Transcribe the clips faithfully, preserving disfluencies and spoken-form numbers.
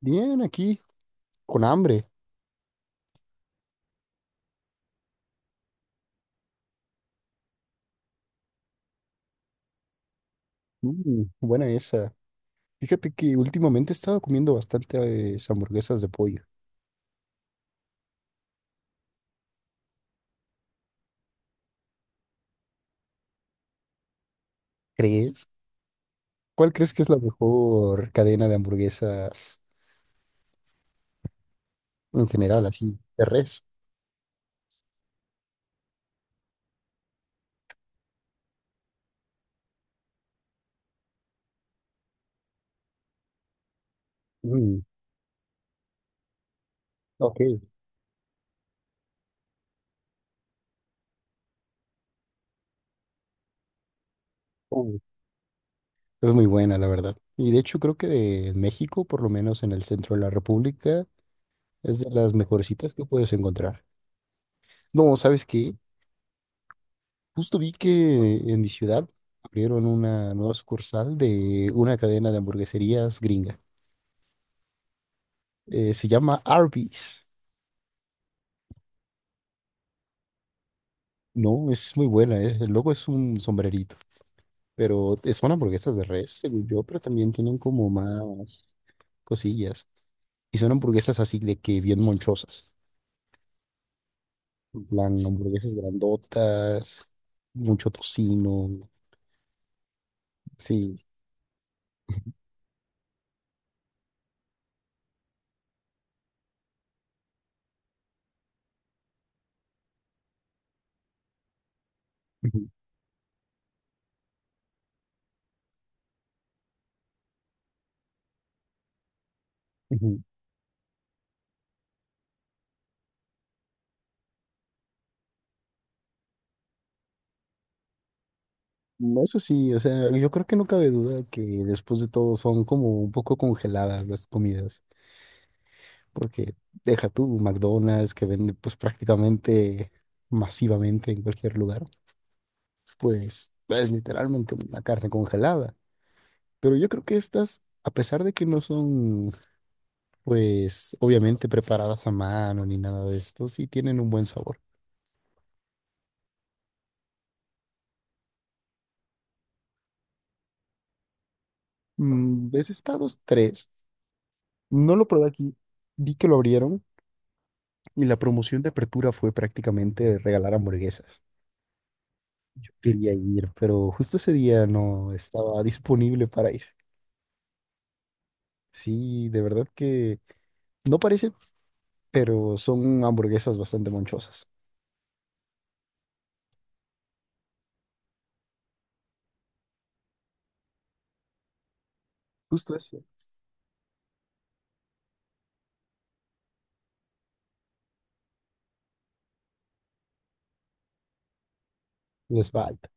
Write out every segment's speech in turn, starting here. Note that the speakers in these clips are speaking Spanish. Bien, aquí, con hambre. Mm, buena esa. Fíjate que últimamente he estado comiendo bastante eh, hamburguesas de pollo. ¿Crees? ¿Cuál crees que es la mejor cadena de hamburguesas en general, así, de res? Mm, ok. Uh, es muy buena, la verdad. Y de hecho creo que de México, por lo menos en el centro de la República, es de las mejorcitas que puedes encontrar. No, ¿sabes qué? Justo vi que en mi ciudad abrieron una nueva sucursal de una cadena de hamburgueserías gringa. eh, se llama Arby's. No, es muy buena. Es- el logo es un sombrerito, pero es son hamburguesas de res, según yo, pero también tienen como más cosillas. Y son hamburguesas así de que bien monchosas. En plan, hamburguesas grandotas, mucho tocino. Sí. Ujú, ujú. No, eso sí, o sea, yo creo que no cabe duda que después de todo son como un poco congeladas las comidas. Porque deja tú McDonald's, que vende pues prácticamente masivamente en cualquier lugar, pues es literalmente una carne congelada. Pero yo creo que estas, a pesar de que no son pues obviamente preparadas a mano ni nada de esto, sí tienen un buen sabor. Mm, ese Estados tres no lo probé aquí, vi que lo abrieron y la promoción de apertura fue prácticamente regalar hamburguesas. Quería ir, pero justo ese día no estaba disponible para ir. Sí, de verdad que no parecen, pero son hamburguesas bastante monchosas. Justo eso. Les falta.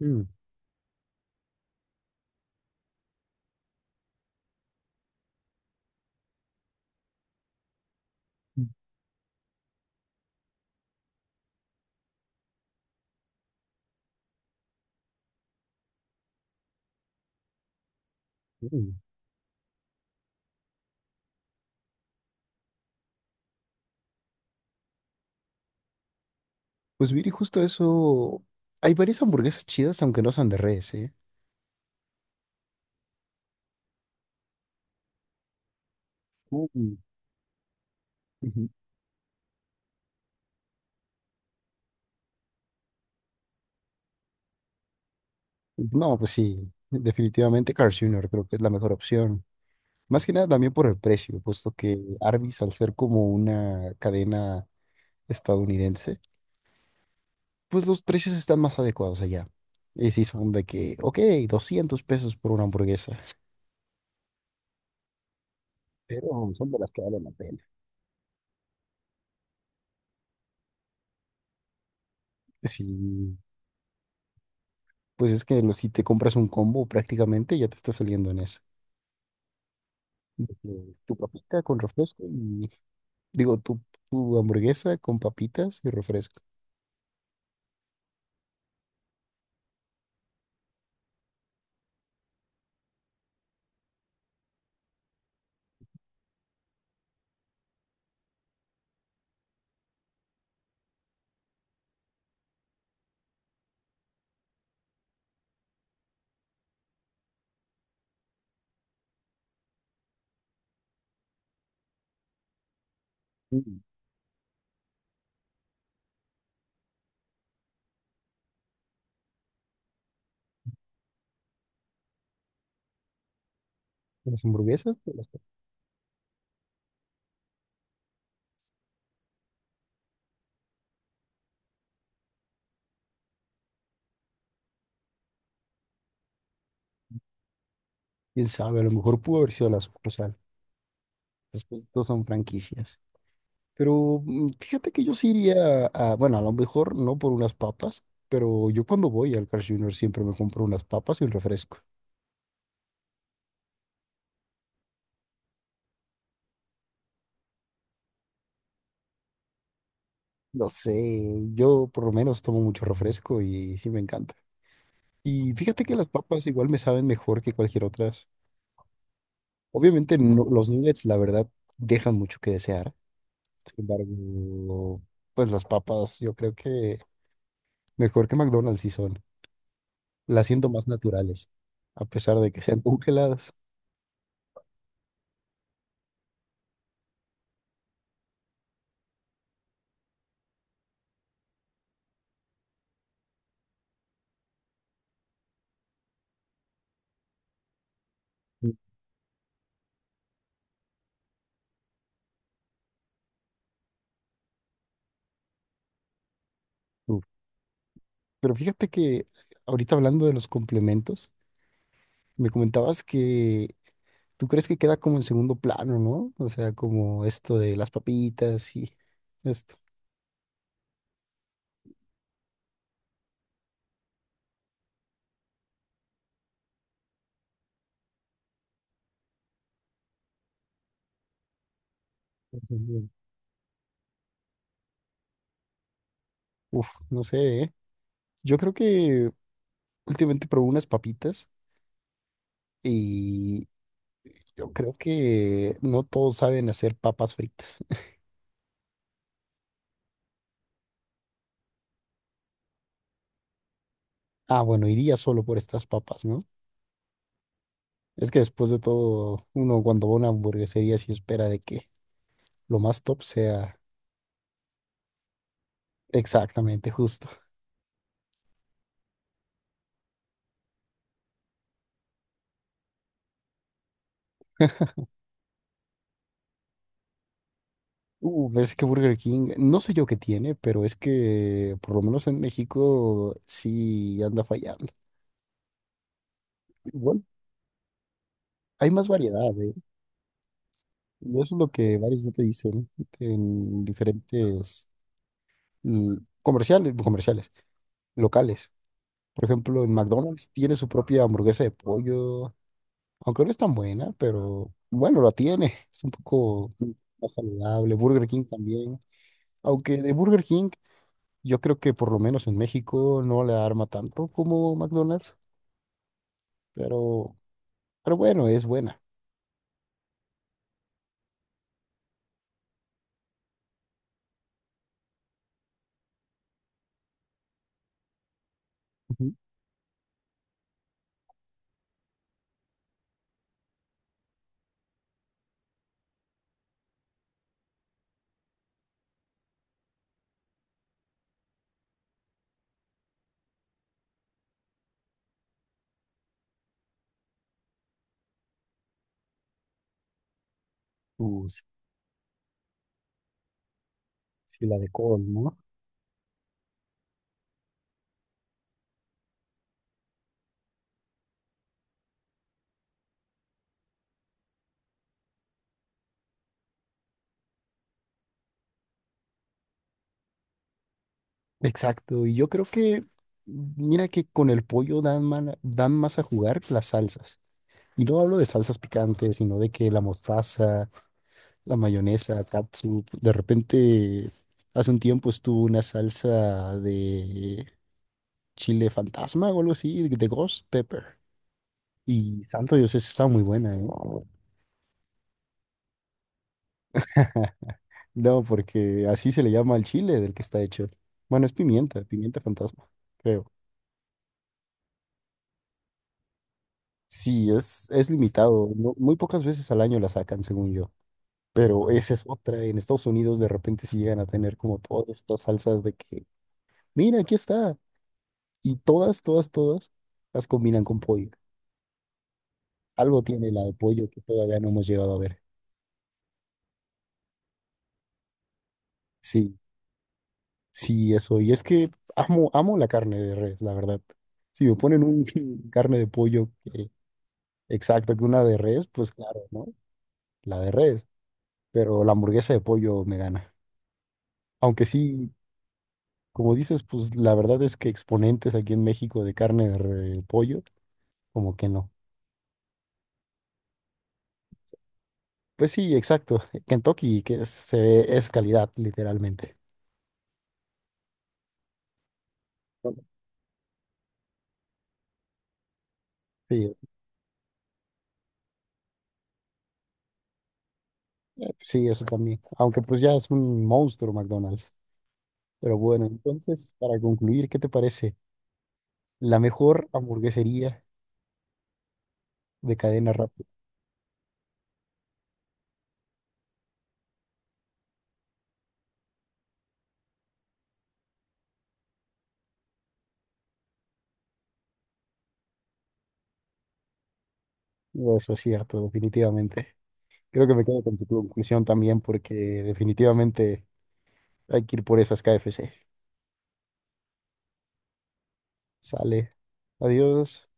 Mm, mm. Pues mire, justo eso. Hay varias hamburguesas chidas, aunque no son de res, ¿eh? Mm, ujú. No, pues sí, definitivamente Carl junior creo que es la mejor opción. Más que nada también por el precio, puesto que Arby's, al ser como una cadena estadounidense, pues los precios están más adecuados allá. Y sí son de que, ok, doscientos pesos por una hamburguesa. Pero son de las que vale la pena. Sí, pues es que lo- si te compras un combo prácticamente ya te está saliendo en eso. De que tu papita con refresco y digo, tu, tu hamburguesa con papitas y refresco. Mm, las hamburguesas, pues, las pap- Quién sabe, a lo mejor pudo haber sido la sucursal. Después todos son franquicias. Pero mm, fíjate que yo sí iría a, bueno, a lo mejor no por unas papas, pero yo cuando voy al Carl Junior siempre me compro unas papas y un refresco. Lo sé, yo por lo menos tomo mucho refresco y sí me encanta. Y fíjate que las papas igual me saben mejor que cualquier otras. Obviamente no- los nuggets, la verdad, dejan mucho que desear. Sin embargo, pues las papas yo creo que mejor que McDonald's sí son. Las siento más naturales, a pesar de que sean congeladas. Uf. Pero fíjate que ahorita hablando de los complementos, me comentabas que ¿tú crees que queda como en segundo plano, no? O sea, como esto de las papitas y esto. Ujú. Uf, no sé, ¿eh? Yo creo que últimamente probé unas papitas y yo creo que no todos saben hacer papas fritas. Ah, bueno, iría solo por estas papas, ¿no? Es que después de todo, uno cuando va a una hamburguesería sí espera de que lo más top sea exactamente justo. Uh, ves que Burger King, no sé yo qué tiene, pero es que por lo menos en México sí anda fallando. Bueno, hay más variedad, ¿eh? Y eso es lo que varios no te dicen en diferentes mm, comerciales, comerciales, locales. Por ejemplo, en McDonald's tiene su propia hamburguesa de pollo, aunque no es tan buena, pero bueno, la tiene. Es un poco más saludable. Burger King también. Aunque de Burger King yo creo que por lo menos en México no le arma tanto como McDonald's, pero, pero bueno, es buena. Ujú. Uh, sí, sí, la de col, ¿no? Exacto, y yo creo que, mira que con el pollo dan, man dan más a jugar las salsas. Y no hablo de salsas picantes, sino de que la mostaza, la mayonesa, catsup, de repente, hace un tiempo estuvo una salsa de chile fantasma o algo así, de ghost pepper. Y santo Dios, esa estaba muy buena, ¿eh? No, porque así se le llama al chile del que está hecho. Bueno, es pimienta, pimienta fantasma, creo. Sí, es, es limitado. No- muy pocas veces al año la sacan, según yo. Pero esa es otra. En Estados Unidos de repente sí llegan a tener como todas estas salsas de que, mira, aquí está. Y todas, todas, todas las combinan con pollo. Algo tiene la de pollo que todavía no hemos llegado a ver. Sí, sí, eso. Y es que amo, amo la carne de res, la verdad. Si me ponen un carne de pollo. Exacto, que una de res, pues claro, ¿no? La de res, pero la hamburguesa de pollo me gana. Aunque sí, como dices, pues la verdad es que exponentes aquí en México de carne de re- pollo, como que no. Pues sí, exacto. Kentucky, que es, se- es calidad, literalmente. Sí, eh, sí, eso también. Aunque pues ya es un monstruo McDonald's. Pero bueno, entonces, para concluir, ¿qué te parece? La mejor hamburguesería de cadena rápida. Eso es cierto, definitivamente. Creo que me quedo con tu conclusión también porque definitivamente hay que ir por esas KFC. Sale. Adiós.